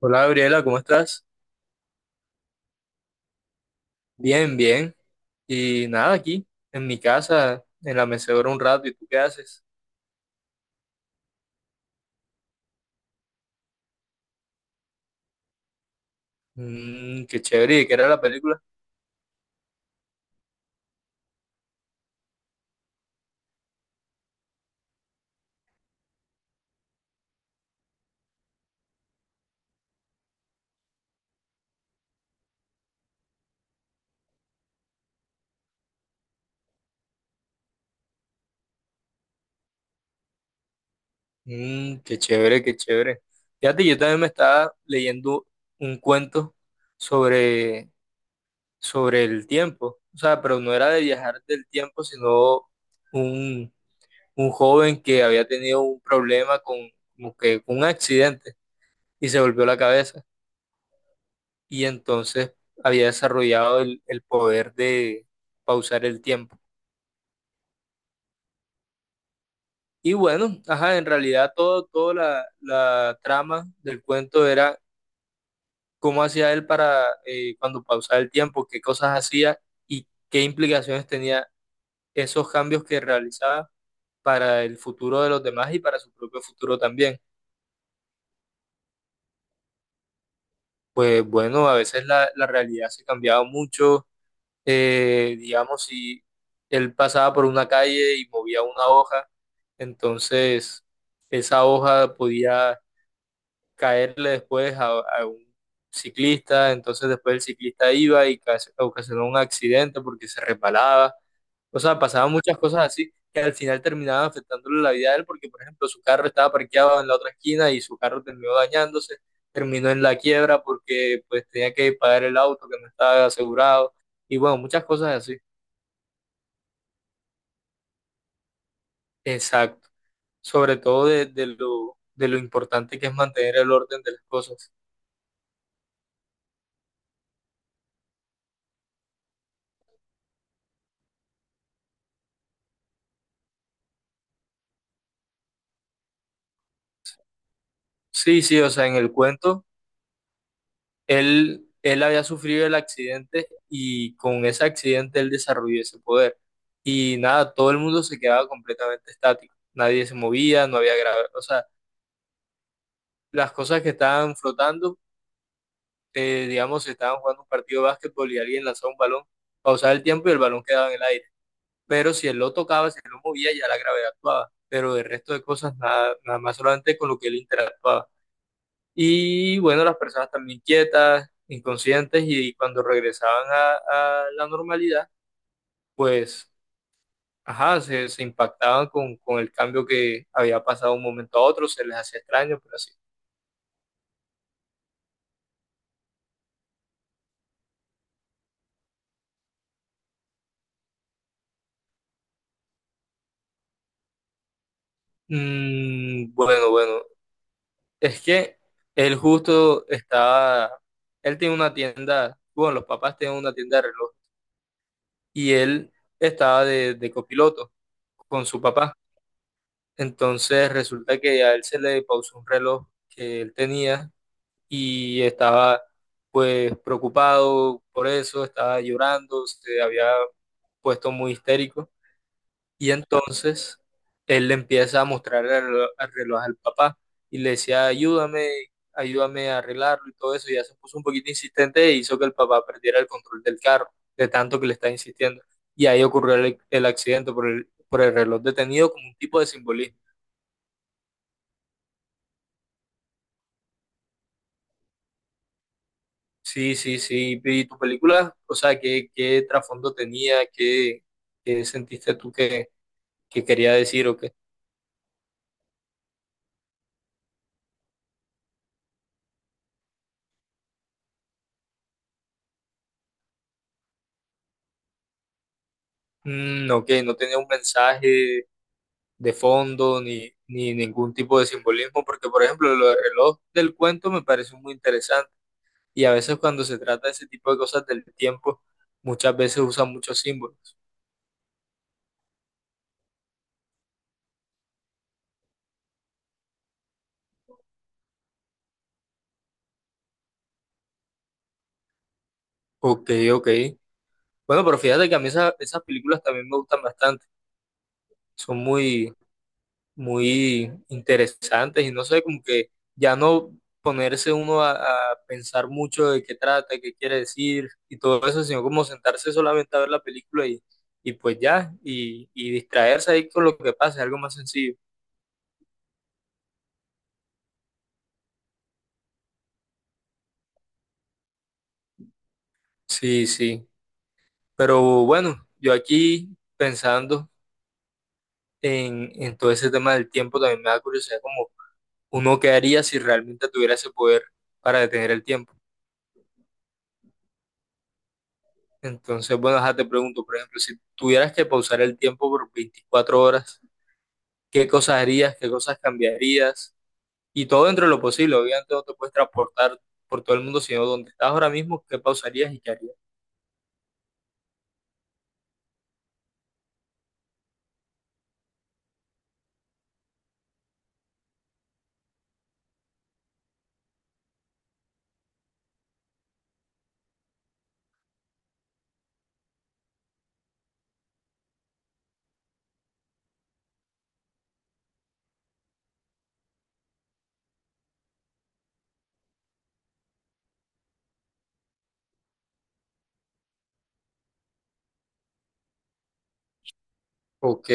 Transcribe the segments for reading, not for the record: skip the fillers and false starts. Hola Gabriela, ¿cómo estás? Bien, bien. Y nada, aquí, en mi casa, en la mecedora un rato, ¿y tú qué haces? Mm, qué chévere, ¿y qué era la película? Mm, qué chévere, qué chévere. Fíjate, yo también me estaba leyendo un cuento sobre, sobre el tiempo. O sea, pero no era de viajar del tiempo, sino un, un joven que había tenido un problema con un accidente y se volvió la cabeza. Y entonces había desarrollado el poder de pausar el tiempo. Y bueno, ajá, en realidad toda la trama del cuento era cómo hacía él para, cuando pausaba el tiempo, qué cosas hacía y qué implicaciones tenía esos cambios que realizaba para el futuro de los demás y para su propio futuro también. Pues bueno, a veces la realidad se cambiaba mucho, digamos, si él pasaba por una calle y movía una hoja, entonces esa hoja podía caerle después a un ciclista, entonces después el ciclista iba y ocasionó un accidente porque se resbalaba, o sea, pasaban muchas cosas así que al final terminaban afectándole la vida a él porque, por ejemplo, su carro estaba parqueado en la otra esquina y su carro terminó dañándose, terminó en la quiebra porque pues tenía que pagar el auto que no estaba asegurado y bueno, muchas cosas así. Exacto, sobre todo de lo importante que es mantener el orden de las cosas. Sí, sí, o sea, en el cuento, él había sufrido el accidente y con ese accidente él desarrolló ese poder. Y nada, todo el mundo se quedaba completamente estático, nadie se movía, no había grave, o sea, las cosas que estaban flotando, digamos, si estaban jugando un partido de básquetbol y alguien lanzaba un balón, pausaba el tiempo y el balón quedaba en el aire. Pero si él lo tocaba, si él lo movía, ya la gravedad actuaba, pero del resto de cosas nada, nada más solamente con lo que él interactuaba. Y bueno, las personas también quietas, inconscientes, y cuando regresaban a la normalidad, pues, ajá, se impactaban con el cambio que había pasado de un momento a otro, se les hacía extraño, pero así. Mm, bueno, bueno, es que él justo estaba, él tiene una tienda, bueno, los papás tienen una tienda de relojes y él estaba de copiloto con su papá. Entonces resulta que a él se le pausó un reloj que él tenía y estaba pues preocupado por eso, estaba llorando, se había puesto muy histérico y entonces él le empieza a mostrar el reloj al papá y le decía, ayúdame, ayúdame a arreglarlo y todo eso. Y ya se puso un poquito insistente e hizo que el papá perdiera el control del carro, de tanto que le está insistiendo. Y ahí ocurrió el accidente por por el reloj detenido como un tipo de simbolismo. Sí, sí, sí. ¿Y tu película? O sea, ¿qué trasfondo tenía? ¿Qué sentiste tú que quería decir o qué? Mm, ok, no tenía un mensaje de fondo ni ningún tipo de simbolismo, porque por ejemplo lo del reloj del cuento me parece muy interesante y a veces cuando se trata de ese tipo de cosas del tiempo, muchas veces usan muchos símbolos. Ok, ok. Bueno, pero fíjate que a mí esas películas también me gustan bastante, son muy muy interesantes y no sé, como que ya no ponerse uno a pensar mucho de qué trata, qué quiere decir y todo eso, sino como sentarse solamente a ver la película y pues ya, y distraerse ahí con lo que pasa, es algo más sencillo. Sí, sí, pero bueno, yo aquí pensando en todo ese tema del tiempo también me da curiosidad como uno qué haría si realmente tuviera ese poder para detener el tiempo. Entonces, bueno, ajá, te pregunto, por ejemplo, si tuvieras que pausar el tiempo por 24 horas, ¿qué cosas harías? ¿Qué cosas cambiarías? Y todo dentro de lo posible. Obviamente no te puedes transportar por todo el mundo, sino donde estás ahora mismo, ¿qué pausarías y qué harías? Ok.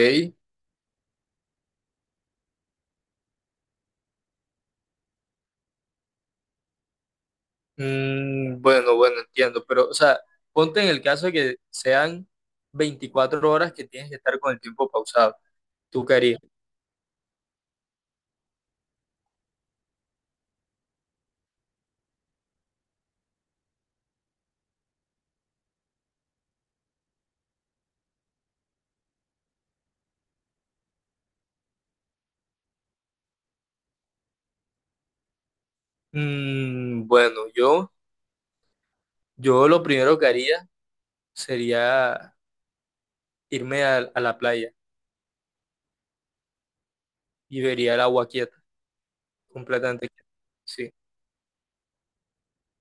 Mm, bueno, bueno, entiendo. Pero, o sea, ponte en el caso de que sean 24 horas que tienes que estar con el tiempo pausado. ¿Tú qué harías? Mm, bueno, yo lo primero que haría sería irme a la playa y vería el agua quieta, completamente quieta. Sí.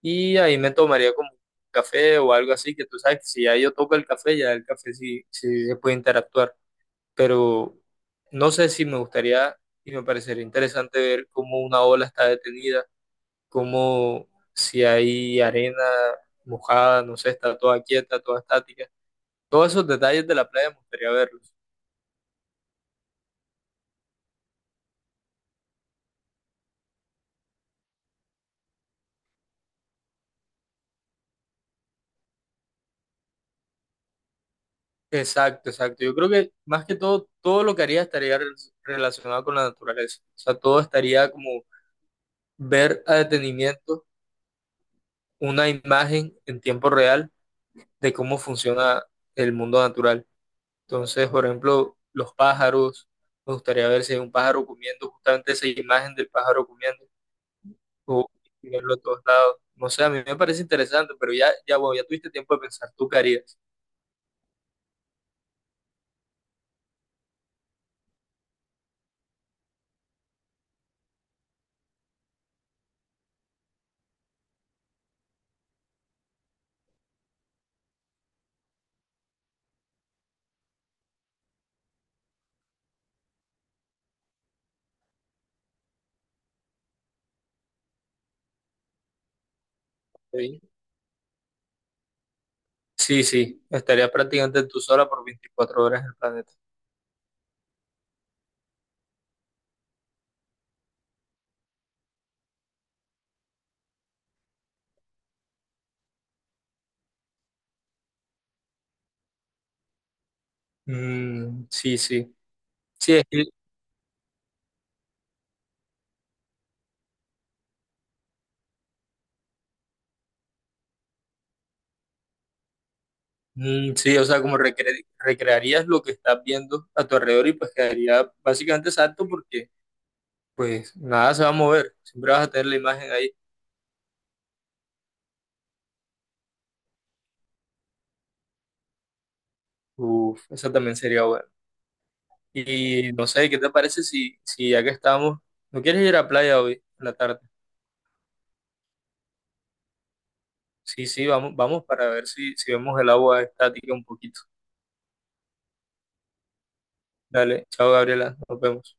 Y ahí me tomaría como un café o algo así, que tú sabes que si ya yo toco el café, ya el café sí, sí se puede interactuar. Pero no sé si me gustaría y me parecería interesante ver cómo una ola está detenida, cómo si hay arena mojada, no sé, está toda quieta, toda estática. Todos esos detalles de la playa me gustaría verlos. Exacto, exacto. Yo creo que más que todo, todo lo que haría estaría relacionado con la naturaleza. O sea, todo estaría como ver a detenimiento una imagen en tiempo real de cómo funciona el mundo natural. Entonces, por ejemplo, los pájaros, me gustaría ver si hay un pájaro comiendo, justamente esa imagen del pájaro comiendo, o verlo a todos lados. No sé, a mí me parece interesante, pero ya, ya, bueno, ya tuviste tiempo de pensar, ¿tú qué harías? ¿Sí? Sí, sí, estaría prácticamente tú sola por 24 horas en el planeta. Mm, sí, sí. Sí, es que- mm, sí, o sea, como recrearías lo que estás viendo a tu alrededor y pues quedaría básicamente exacto porque pues nada se va a mover, siempre vas a tener la imagen ahí. Uf, esa también sería buena. Y no sé, ¿qué te parece si, si ya que estamos, no quieres ir a playa hoy en la tarde? Sí, sí, vamos, vamos para ver si, si vemos el agua estática un poquito. Dale, chao Gabriela, nos vemos.